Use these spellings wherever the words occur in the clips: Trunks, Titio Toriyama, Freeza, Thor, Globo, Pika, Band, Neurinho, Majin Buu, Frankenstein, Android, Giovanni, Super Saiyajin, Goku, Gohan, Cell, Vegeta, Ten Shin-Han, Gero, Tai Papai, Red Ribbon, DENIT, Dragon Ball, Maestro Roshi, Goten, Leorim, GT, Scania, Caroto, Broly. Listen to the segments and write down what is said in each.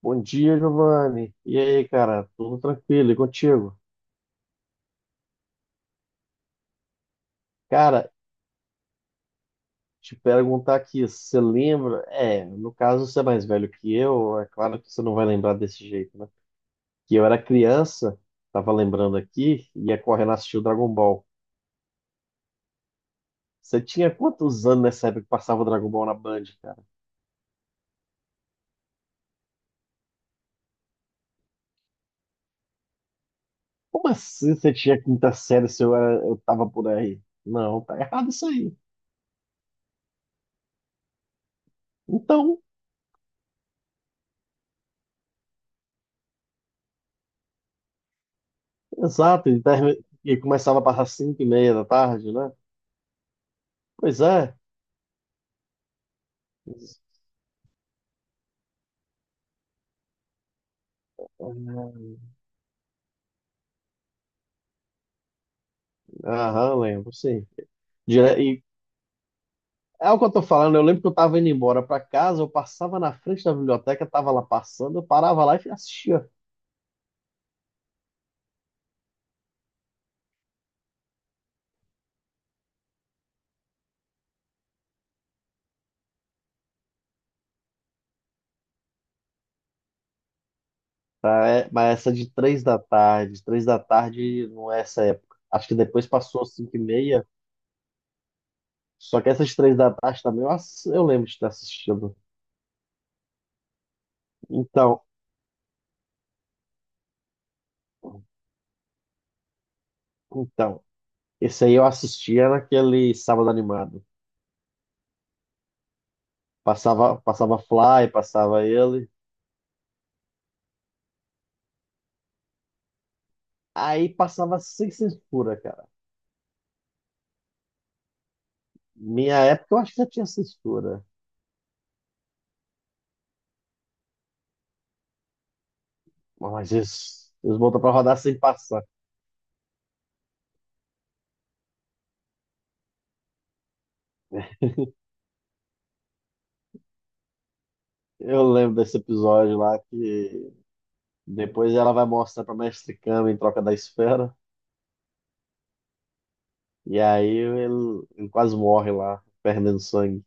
Bom dia, Giovanni. E aí, cara? Tudo tranquilo? E contigo? Cara, te perguntar aqui, você lembra? É, no caso você é mais velho que eu, é claro que você não vai lembrar desse jeito, né? Que eu era criança, tava lembrando aqui, ia correndo assistir o Dragon Ball. Você tinha quantos anos nessa época que passava o Dragon Ball na Band, cara? Como assim você tinha quinta série se eu tava por aí? Não, tá errado isso aí. Então, exato, e começava a passar 5:30 da tarde, né? Pois é. Aham, lembro, sim. E é o que eu tô falando, eu lembro que eu tava indo embora pra casa, eu passava na frente da biblioteca, tava lá passando, eu parava lá e assistia. Tá, mas essa de três da tarde não é essa época. Acho que depois passou 5:30, só que essas três da tarde também eu lembro de ter assistido. Então, então, esse aí eu assistia naquele sábado animado. Passava, passava Fly, passava ele. Aí passava sem censura, cara. Minha época eu acho que já tinha censura. Mas eles botam pra rodar sem passar. Eu lembro desse episódio lá que depois ela vai mostrar pra Mestre Kame em troca da esfera. E aí ele quase morre lá, perdendo sangue.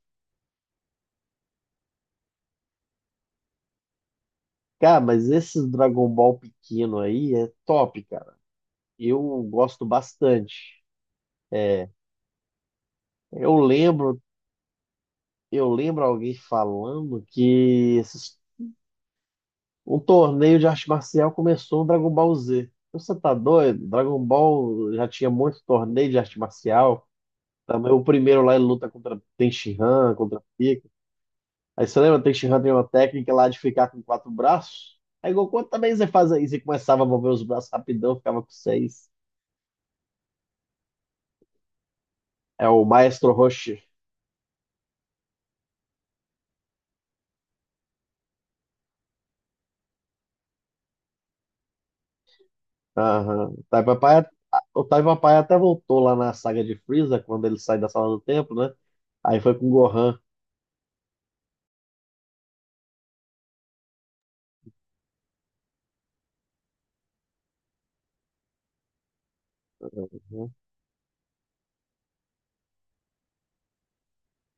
Cara, mas esse Dragon Ball pequeno aí é top, cara. Eu gosto bastante. É, eu lembro, eu lembro alguém falando que esses Um torneio de arte marcial começou no Dragon Ball Z. Então, você tá doido? Dragon Ball já tinha muito torneio de arte marcial. Também o primeiro lá ele luta contra Ten Shin-Han, contra Pika. Aí você lembra, Ten Shin-Han tem uma técnica lá de ficar com quatro braços? Aí Goku também você faz isso e começava a mover os braços rapidão, ficava com seis. É o Maestro Roshi. Aham. O Tai Papai até voltou lá na saga de Freeza, quando ele sai da sala do tempo, né? Aí foi com o Gohan.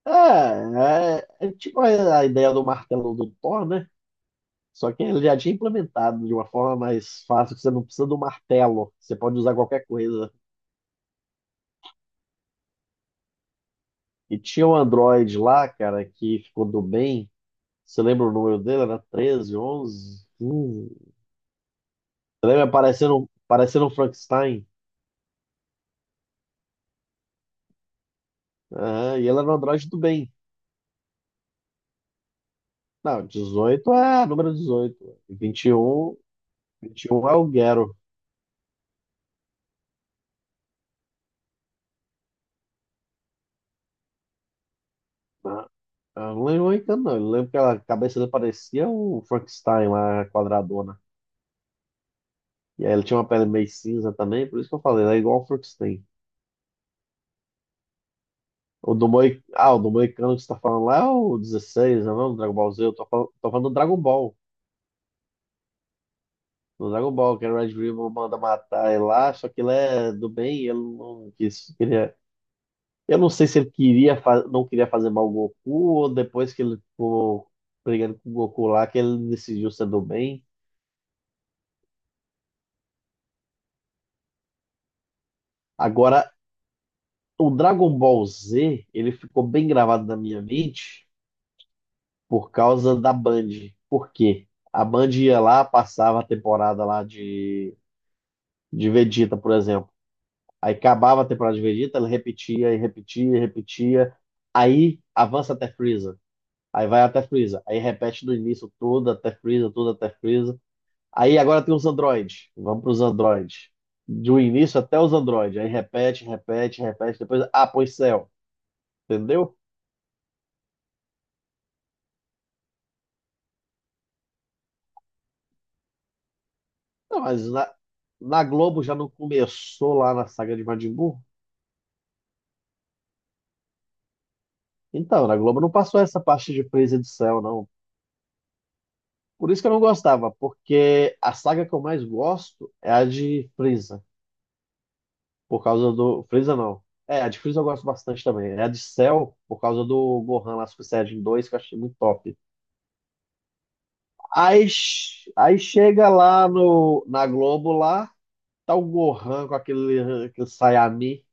É, é, tipo a ideia do martelo do Thor, né? Só que ele já tinha implementado de uma forma mais fácil, que você não precisa do martelo, você pode usar qualquer coisa. E tinha um Android lá, cara, que ficou do bem. Você lembra o número dele? Era 13, 11. 15. Você lembra parecendo um Frankenstein? Aham, e ele era um Android do bem. Não, 18. É número 18. 21 é o Gero, né? Eu não lembro muito, não. Eu lembro que a cabeça dele parecia o Frankenstein lá, a quadradona. E aí ele tinha uma pele meio cinza também, por isso que eu falei, ele é igual o Frankenstein. Ah, o do Moicano que você tá falando lá é o 16, não é o Dragon Ball Z? Eu tô falando do Dragon Ball. Do Dragon Ball, que o Red Ribbon manda matar ele lá, só que ele é do bem, ele não quis, queria... Eu não sei se ele não queria fazer mal ao Goku, ou depois que ele ficou brigando com o Goku lá, que ele decidiu ser do bem. Agora, o Dragon Ball Z, ele ficou bem gravado na minha mente por causa da Band. Por quê? A Band ia lá, passava a temporada lá de Vegeta, por exemplo. Aí acabava a temporada de Vegeta, ele repetia e repetia e repetia. Aí avança até Freeza. Aí vai até Freeza. Aí repete do início tudo, até Freeza, tudo até Freeza. Aí agora tem os Android. Vamos para os Android. Do início até os Android. Aí repete, repete, repete. Depois, ah, pois céu. Entendeu? Não, mas na, Globo já não começou lá na saga de Majin Buu? Então, na Globo não passou essa parte de presa de céu, não. Por isso que eu não gostava, porque a saga que eu mais gosto é a de Frieza, por causa do... Frieza não. É, a de Frieza eu gosto bastante também. É a de Cell, por causa do Gohan lá, Super Saiyajin 2, que eu achei muito top. Aí chega lá no, na Globo, lá tá o Gohan com aquele Sayami,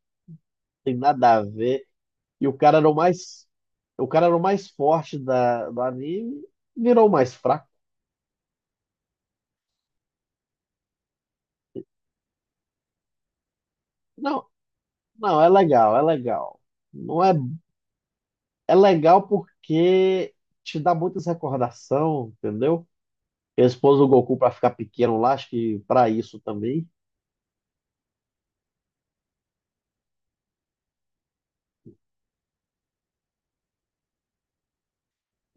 tem nada a ver. E o cara era o mais, o cara era o mais forte do anime, virou o mais fraco. Não, não, é legal, é legal. Não é, é legal porque te dá muitas recordação, entendeu? Eles pôs o Goku pra ficar pequeno lá, acho que pra isso também.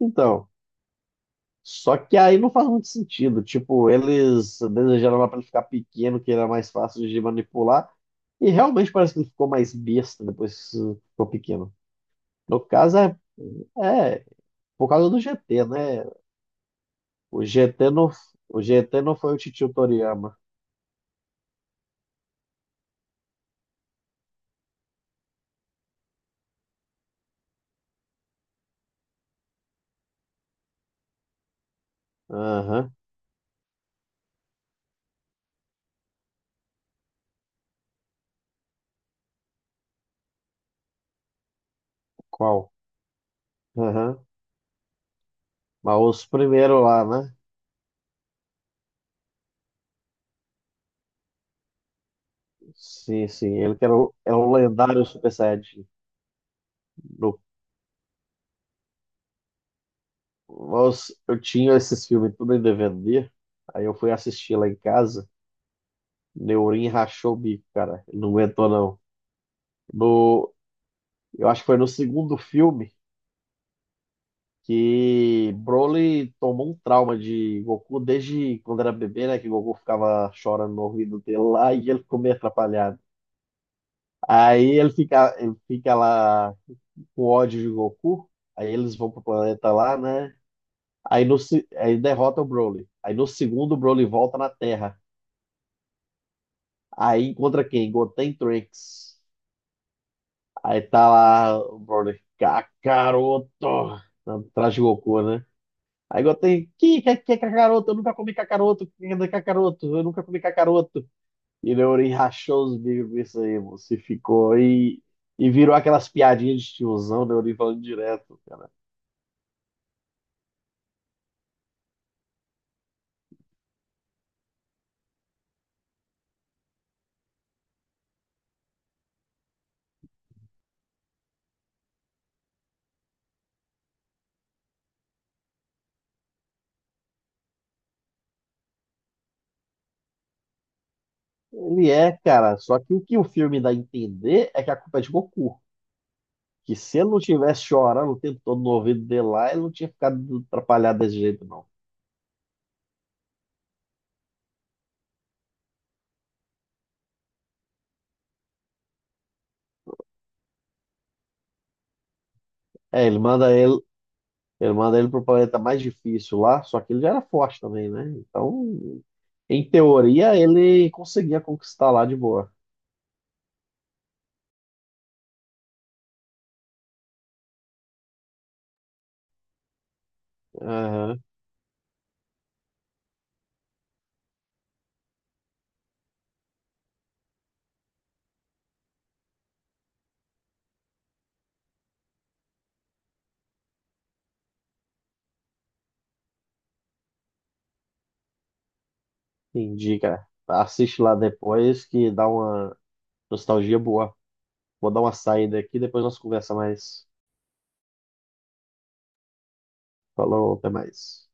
Então, só que aí não faz muito sentido. Tipo, eles desejaram lá pra ele ficar pequeno, que era mais fácil de manipular. E realmente parece que ele ficou mais besta depois que ficou pequeno. No caso, é, Por causa do GT, né? O GT não, o GT não foi o Titio Toriyama. Aham. Qual? Aham. Mas os primeiros lá, né? Sim, sim. Ele que era o lendário Super Saiyajin. No, nós- Eu tinha esses filmes tudo em DVD. Aí eu fui assistir lá em casa. Neurinho rachou o bico, cara. Ele não aguentou, não. No, eu acho que foi no segundo filme, que Broly tomou um trauma de Goku desde quando era bebê, né? Que Goku ficava chorando no ouvido dele lá e ele ficou meio atrapalhado. Aí ele fica lá com ódio de Goku, aí eles vão pro planeta lá, né? Aí, no, se- aí derrota o Broly. Aí no segundo, o Broly volta na Terra. Aí encontra quem? Goten e Trunks. Aí tá lá o Broly. " Caroto! Atrás de Goku, né? Aí igual tem, que é cacaroto, eu nunca comi cacaroto, cacaroto, eu nunca comi cacaroto. E Leorim rachou os bicos com isso aí, moço, e ficou, e virou aquelas piadinhas de tiozão, Leorim falando direto, cara. Ele é, cara, só que o filme dá a entender é que a culpa é de Goku. Que se ele não tivesse chorando o tempo todo no ouvido dele lá, ele não tinha ficado atrapalhado desse jeito, não. É. Ele manda ele pro planeta mais difícil lá, só que ele já era forte também, né? Então, em teoria, ele conseguia conquistar lá de boa. Aham, entendi, cara. Assiste lá depois que dá uma nostalgia boa. Vou dar uma saída aqui, depois nós conversa mais. Falou, até mais.